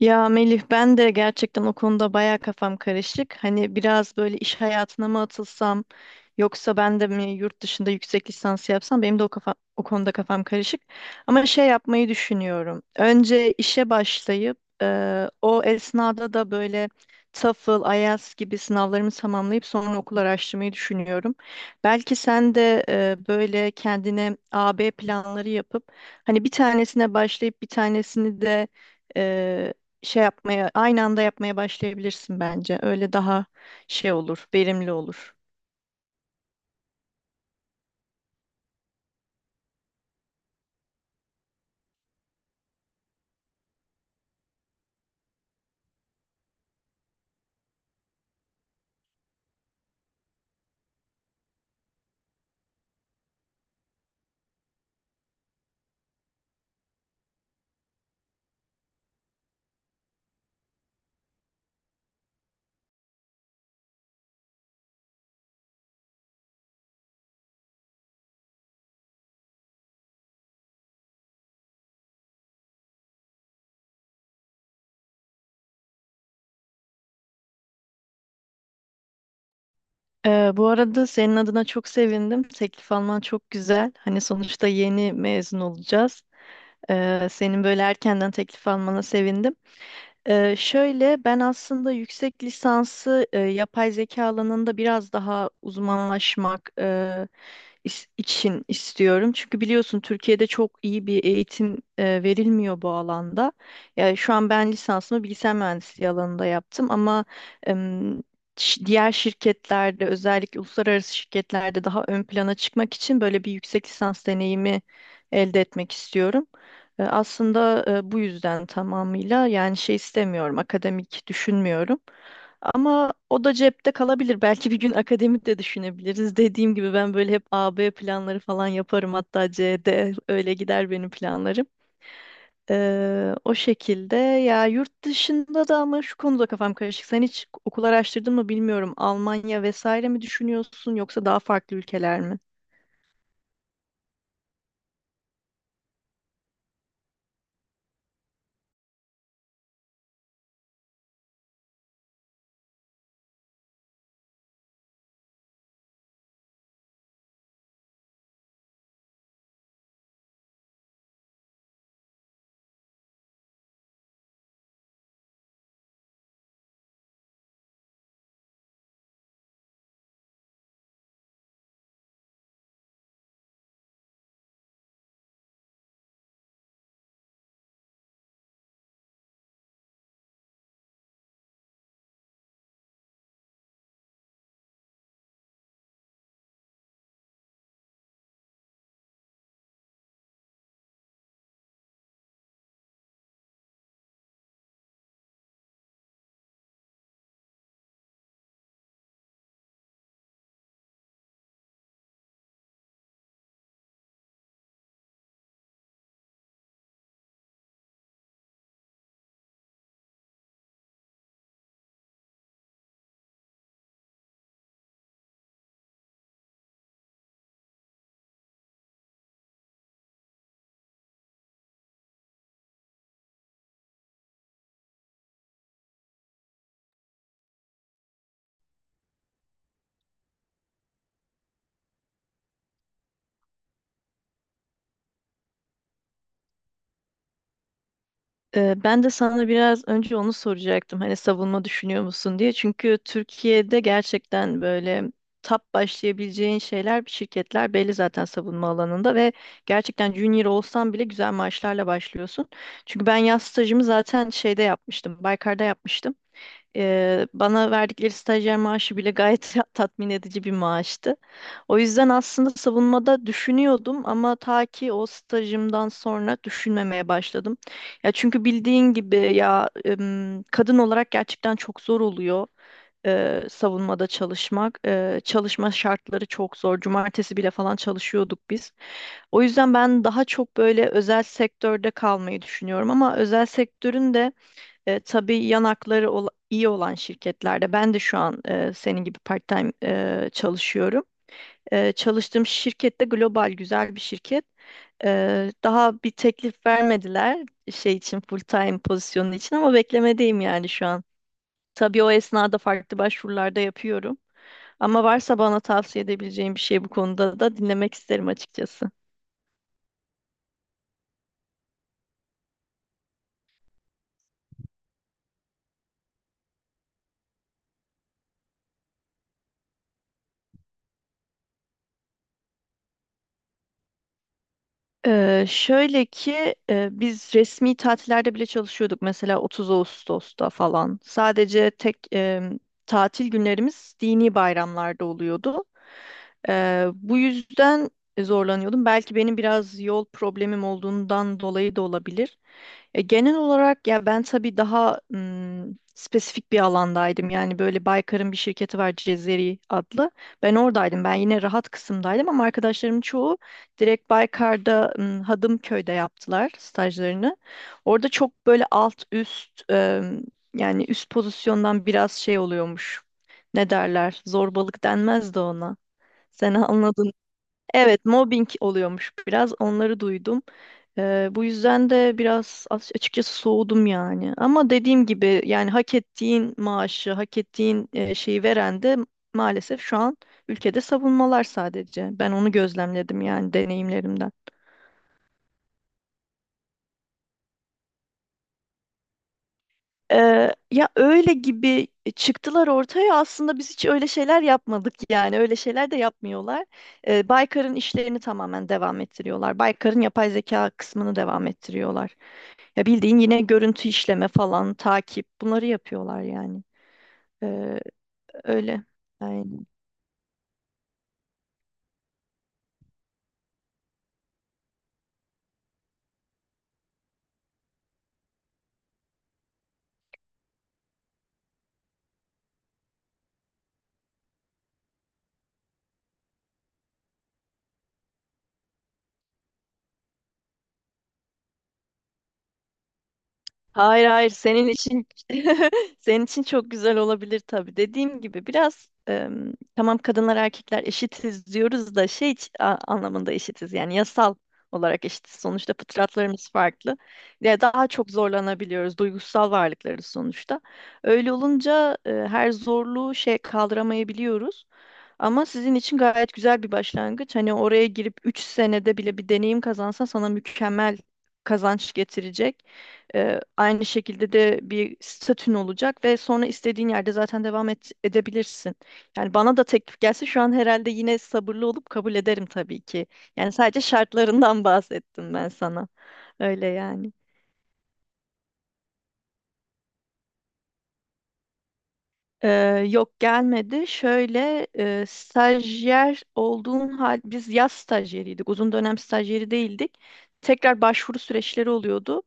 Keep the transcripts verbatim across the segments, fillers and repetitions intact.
Ya Melih ben de gerçekten o konuda baya kafam karışık. Hani biraz böyle iş hayatına mı atılsam yoksa ben de mi yurt dışında yüksek lisans yapsam benim de o kafa, o konuda kafam karışık. Ama şey yapmayı düşünüyorum. Önce işe başlayıp eee, o esnada da böyle TOEFL, IELTS gibi sınavlarımı tamamlayıp sonra okul araştırmayı düşünüyorum. Belki sen de eee, böyle kendine A B planları yapıp hani bir tanesine başlayıp bir tanesini de e, şey yapmaya, aynı anda yapmaya başlayabilirsin bence. Öyle daha şey olur, verimli olur. Ee, bu arada senin adına çok sevindim. Teklif alman çok güzel. Hani sonuçta yeni mezun olacağız. Ee, senin böyle erkenden teklif almana sevindim. Ee, şöyle ben aslında yüksek lisansı e, yapay zeka alanında biraz daha uzmanlaşmak e, is- için istiyorum. Çünkü biliyorsun Türkiye'de çok iyi bir eğitim e, verilmiyor bu alanda. Yani şu an ben lisansımı bilgisayar mühendisliği alanında yaptım ama em, ş- diğer şirketlerde özellikle uluslararası şirketlerde daha ön plana çıkmak için böyle bir yüksek lisans deneyimi elde etmek istiyorum. E, Aslında e, bu yüzden tamamıyla yani şey istemiyorum, akademik düşünmüyorum. Ama o da cepte kalabilir. Belki bir gün akademik de düşünebiliriz. Dediğim gibi ben böyle hep A B planları falan yaparım. Hatta C D öyle gider benim planlarım. E, o şekilde ya yurt dışında da ama şu konuda kafam karışık. Sen hiç okul araştırdın mı bilmiyorum. Almanya vesaire mi düşünüyorsun yoksa daha farklı ülkeler mi? Ee, Ben de sana biraz önce onu soracaktım. Hani savunma düşünüyor musun diye. Çünkü Türkiye'de gerçekten böyle tap başlayabileceğin şeyler, şirketler belli zaten savunma alanında ve gerçekten junior olsan bile güzel maaşlarla başlıyorsun. Çünkü ben yaz stajımı zaten şeyde yapmıştım, Baykar'da yapmıştım. Ee, bana verdikleri stajyer maaşı bile gayet tatmin edici bir maaştı. O yüzden aslında savunmada düşünüyordum ama ta ki o stajımdan sonra düşünmemeye başladım. Ya çünkü bildiğin gibi ya em, kadın olarak gerçekten çok zor oluyor e, savunmada çalışmak. E, çalışma şartları çok zor. Cumartesi bile falan çalışıyorduk biz. O yüzden ben daha çok böyle özel sektörde kalmayı düşünüyorum ama özel sektörün de e, tabii yanakları ola- iyi olan şirketlerde ben de şu an e, senin gibi part-time e, çalışıyorum. E, çalıştığım şirkette global güzel bir şirket. E, daha bir teklif vermediler şey için full-time pozisyonu için ama beklemedeyim yani şu an. Tabii o esnada farklı başvurularda yapıyorum. Ama varsa bana tavsiye edebileceğin bir şey bu konuda da dinlemek isterim açıkçası. Ee, şöyle ki e, biz resmi tatillerde bile çalışıyorduk mesela 30 Ağustos'ta falan. Sadece tek e, tatil günlerimiz dini bayramlarda oluyordu. Ee, bu yüzden zorlanıyordum. Belki benim biraz yol problemim olduğundan dolayı da olabilir. E, genel olarak ya ben tabii daha ım, spesifik bir alandaydım. Yani böyle Baykar'ın bir şirketi var, Cezeri adlı. Ben oradaydım. Ben yine rahat kısımdaydım ama arkadaşlarım çoğu direkt Baykar'da ım, Hadımköy'de yaptılar stajlarını. Orada çok böyle alt üst ım, yani üst pozisyondan biraz şey oluyormuş. Ne derler? Zorbalık denmez de ona. Sen anladın. Evet, mobbing oluyormuş biraz. Onları duydum. Ee, bu yüzden de biraz as- açıkçası soğudum yani. Ama dediğim gibi yani hak ettiğin maaşı, hak ettiğin e, şeyi veren de maalesef şu an ülkede savunmalar sadece. Ben onu gözlemledim yani deneyimlerimden. Ee, ya öyle gibi çıktılar ortaya, aslında biz hiç öyle şeyler yapmadık yani öyle şeyler de yapmıyorlar. Ee, Baykar'ın işlerini tamamen devam ettiriyorlar. Baykar'ın yapay zeka kısmını devam ettiriyorlar. Ya bildiğin yine görüntü işleme falan, takip, bunları yapıyorlar yani. Ee, Öyle. Aynen. Hayır hayır, senin için senin için çok güzel olabilir tabii. Dediğim gibi biraz em, tamam kadınlar erkekler eşitiz diyoruz da şey iç- a- anlamında eşitiz, yani yasal olarak eşitiz. Sonuçta fıtratlarımız farklı. Ya daha çok zorlanabiliyoruz, duygusal varlıklarız sonuçta. Öyle olunca e, her zorluğu şey kaldıramayabiliyoruz. Ama sizin için gayet güzel bir başlangıç. Hani oraya girip üç senede bile bir deneyim kazansan sana mükemmel kazanç getirecek. Ee, aynı şekilde de bir statün olacak ve sonra istediğin yerde zaten devam et, edebilirsin. Yani bana da teklif gelse şu an herhalde yine sabırlı olup kabul ederim tabii ki. Yani sadece şartlarından bahsettim ben sana. Öyle yani. Ee, Yok, gelmedi. Şöyle, e, stajyer olduğun hal, biz yaz stajyeriydik. Uzun dönem stajyeri değildik. Tekrar başvuru süreçleri oluyordu.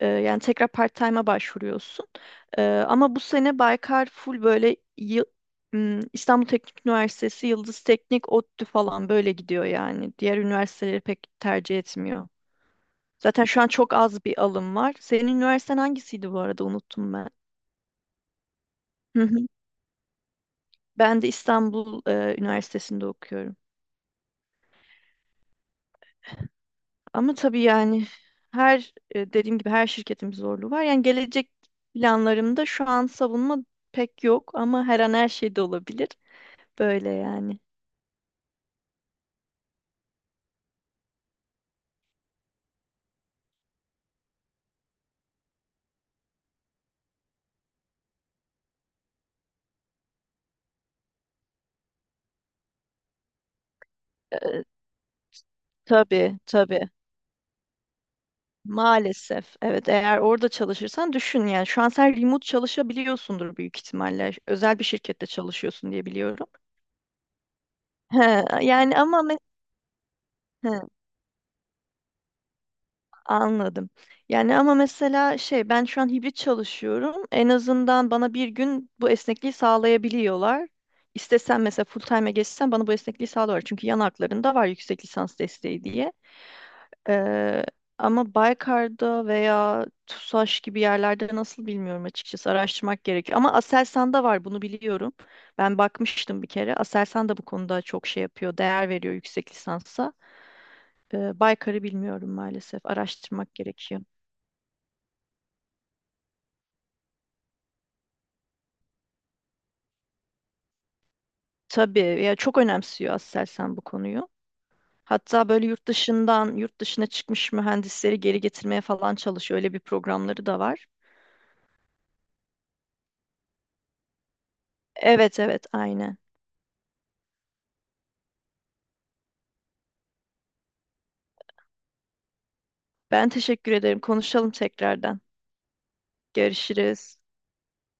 Ee, yani tekrar part-time'a başvuruyorsun. Ee, Ama bu sene Baykar full böyle yı- m, İstanbul Teknik Üniversitesi, Yıldız Teknik, ODTÜ falan böyle gidiyor yani. Diğer üniversiteleri pek tercih etmiyor. Zaten şu an çok az bir alım var. Senin üniversiten hangisiydi bu arada? Unuttum ben. Ben de İstanbul e, Üniversitesi'nde okuyorum. Ama tabii yani her e, dediğim gibi her şirketin bir zorluğu var. Yani gelecek planlarımda şu an savunma pek yok ama her an her şey de olabilir. Böyle yani. E, tabii, tabii. Maalesef. Evet, eğer orada çalışırsan düşün yani şu an sen remote çalışabiliyorsundur büyük ihtimalle. Özel bir şirkette çalışıyorsun diye biliyorum. He, yani ama me- he. Anladım. Yani ama mesela şey, ben şu an hibrit çalışıyorum. En azından bana bir gün bu esnekliği sağlayabiliyorlar. İstesem mesela full time'e geçsem bana bu esnekliği sağlıyorlar. Çünkü yan haklarında var yüksek lisans desteği diye. Ee, Ama Baykar'da veya TUSAŞ gibi yerlerde nasıl bilmiyorum açıkçası. Araştırmak gerekiyor. Ama Aselsan'da var, bunu biliyorum. Ben bakmıştım bir kere. Aselsan da bu konuda çok şey yapıyor. Değer veriyor yüksek lisansa. Ee, Baykar'ı bilmiyorum maalesef. Araştırmak gerekiyor. Tabii ya, çok önemsiyor Aselsan bu konuyu. Hatta böyle yurt dışından, yurt dışına çıkmış mühendisleri geri getirmeye falan çalışıyor. Öyle bir programları da var. Evet evet, aynen. Ben teşekkür ederim. Konuşalım tekrardan. Görüşürüz.